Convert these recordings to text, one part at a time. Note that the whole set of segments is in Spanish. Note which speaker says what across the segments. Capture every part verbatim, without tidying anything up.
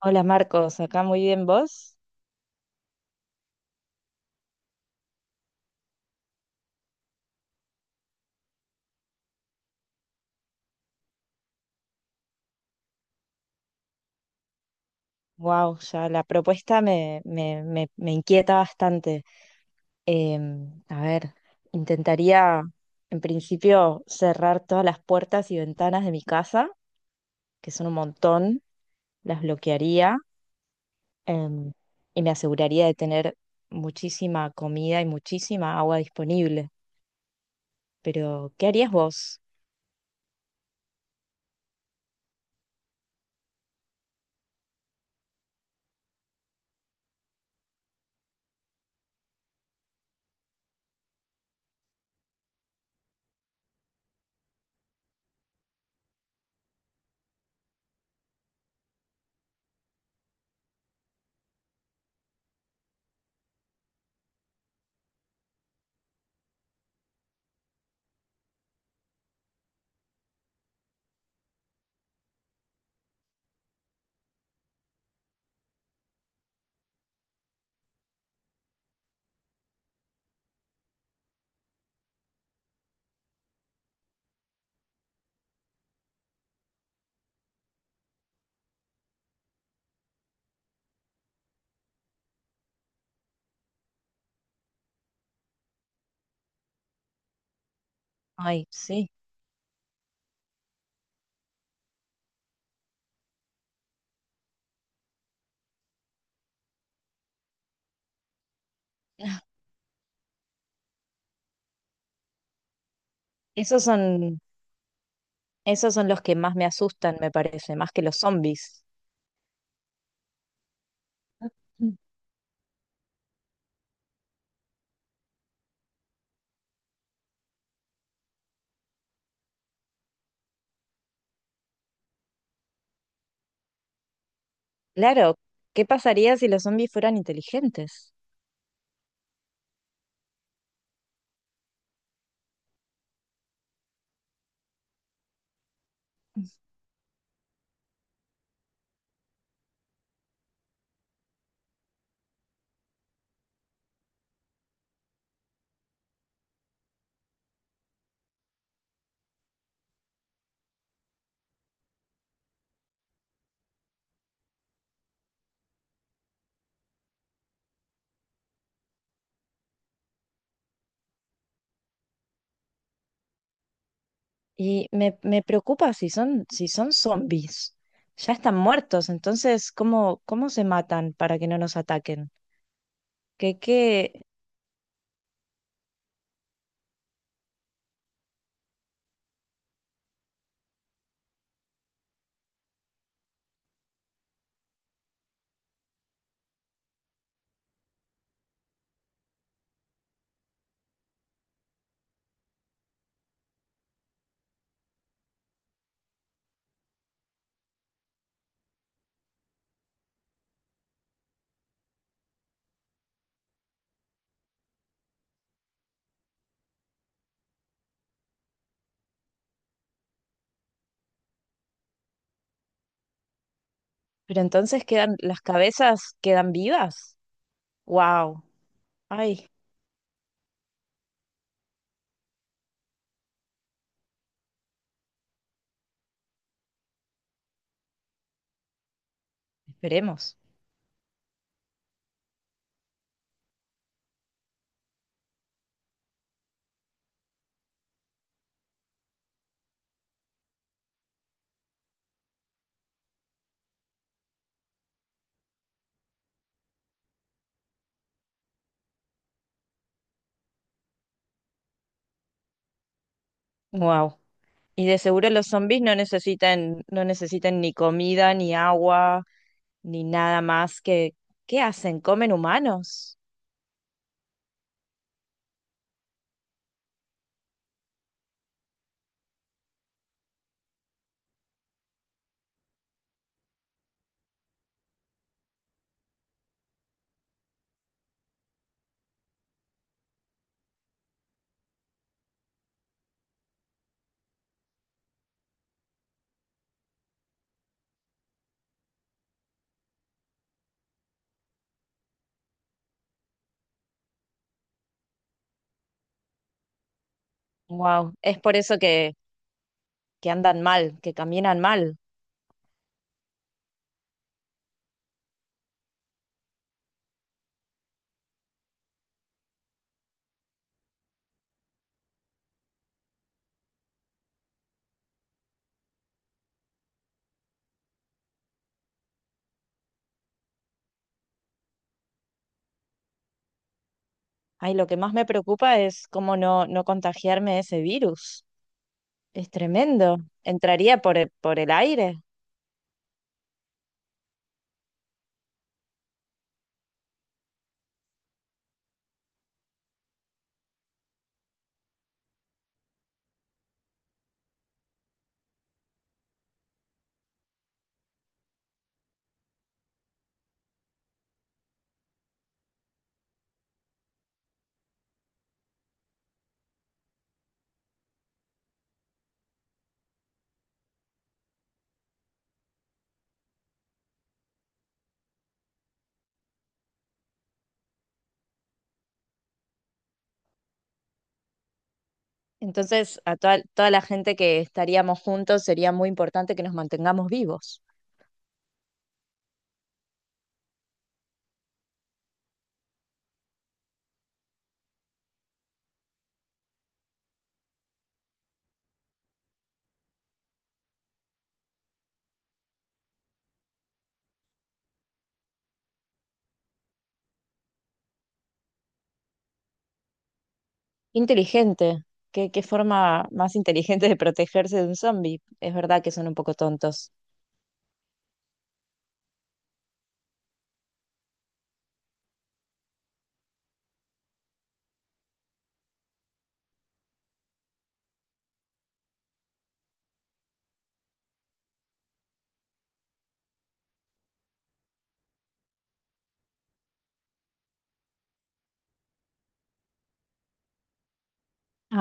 Speaker 1: Hola Marcos, acá muy bien vos. Wow, ya la propuesta me, me, me- me inquieta bastante. Em, a ver, intentaría en principio cerrar todas las puertas y ventanas de mi casa, que son un montón, las bloquearía, em, y me aseguraría de tener muchísima comida y muchísima agua disponible. Pero, ¿qué harías vos? Ay, sí. Esos son, esos son los que más me asustan, me parece, más que los zombies. Claro, ¿qué pasaría si los zombies fueran inteligentes? Y me, me preocupa si son, si son zombies. Ya están muertos, entonces, ¿cómo, cómo se matan para que no nos ataquen? ¿Qué, qué? Pero entonces quedan, las cabezas quedan vivas. Wow. Ay, esperemos. Wow. Y de seguro los zombies no necesitan, no necesitan ni comida, ni agua, ni nada más que, ¿qué hacen? ¿Comen humanos? Wow. Es por eso que que andan mal, que caminan mal. Ay, lo que más me preocupa es cómo no, no contagiarme de ese virus. Es tremendo. Entraría por el, por el aire. Entonces, a toda, toda la gente que estaríamos juntos sería muy importante que nos mantengamos vivos. Inteligente. ¿Qué, qué forma más inteligente de protegerse de un zombie? Es verdad que son un poco tontos.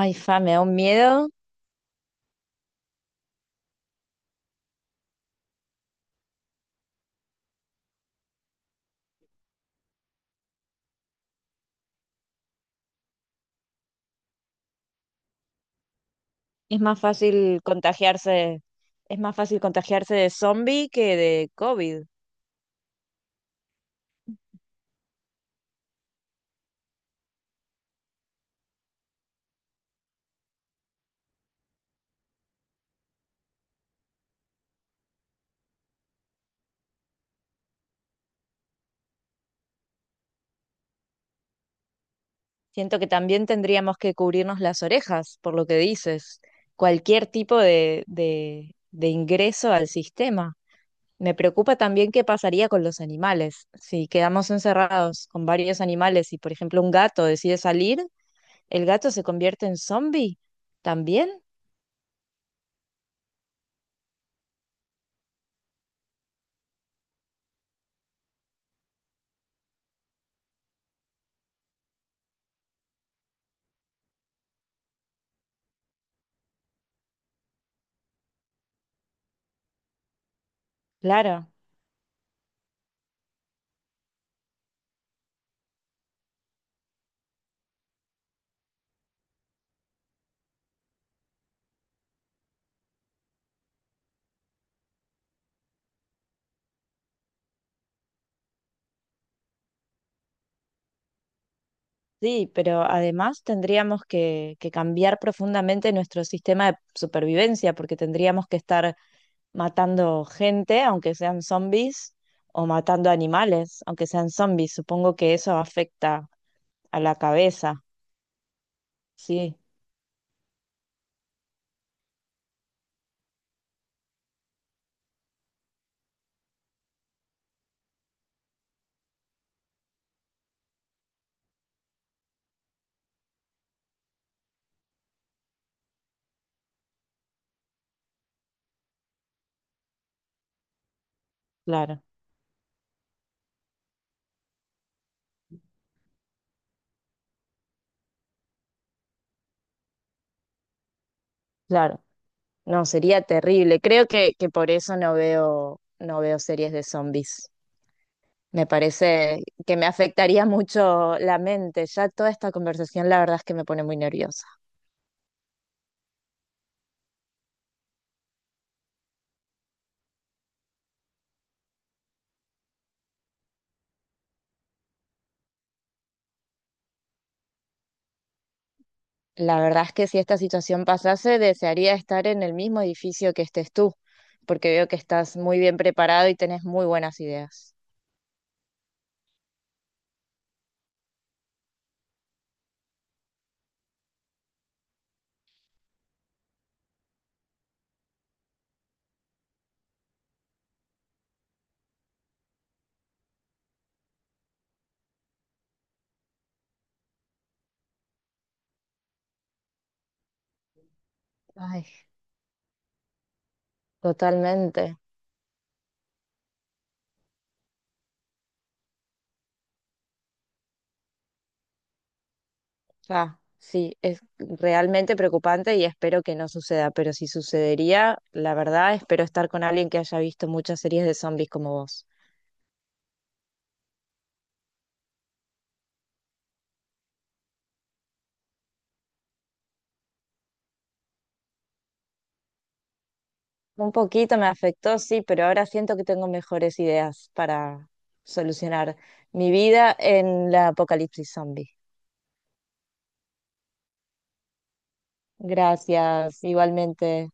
Speaker 1: Ay, fa, me da un miedo. Es más fácil contagiarse, es más fácil contagiarse de zombie que de COVID. Siento que también tendríamos que cubrirnos las orejas, por lo que dices, cualquier tipo de, de, de ingreso al sistema. Me preocupa también qué pasaría con los animales. Si quedamos encerrados con varios animales y, por ejemplo, un gato decide salir, ¿el gato se convierte en zombie también? Claro, sí, pero además tendríamos que, que cambiar profundamente nuestro sistema de supervivencia porque tendríamos que estar matando gente, aunque sean zombies, o matando animales, aunque sean zombies. Supongo que eso afecta a la cabeza. Sí, claro, claro. No, sería terrible. Creo que, que por eso no veo, no veo series de zombies. Me parece que me afectaría mucho la mente. Ya toda esta conversación, la verdad es que me pone muy nerviosa. La verdad es que si esta situación pasase, desearía estar en el mismo edificio que estés tú, porque veo que estás muy bien preparado y tenés muy buenas ideas. Ay, totalmente. Ah, sí, es realmente preocupante y espero que no suceda, pero si sucedería, la verdad, espero estar con alguien que haya visto muchas series de zombies como vos. Un poquito me afectó, sí, pero ahora siento que tengo mejores ideas para solucionar mi vida en la apocalipsis zombie. Gracias, igualmente.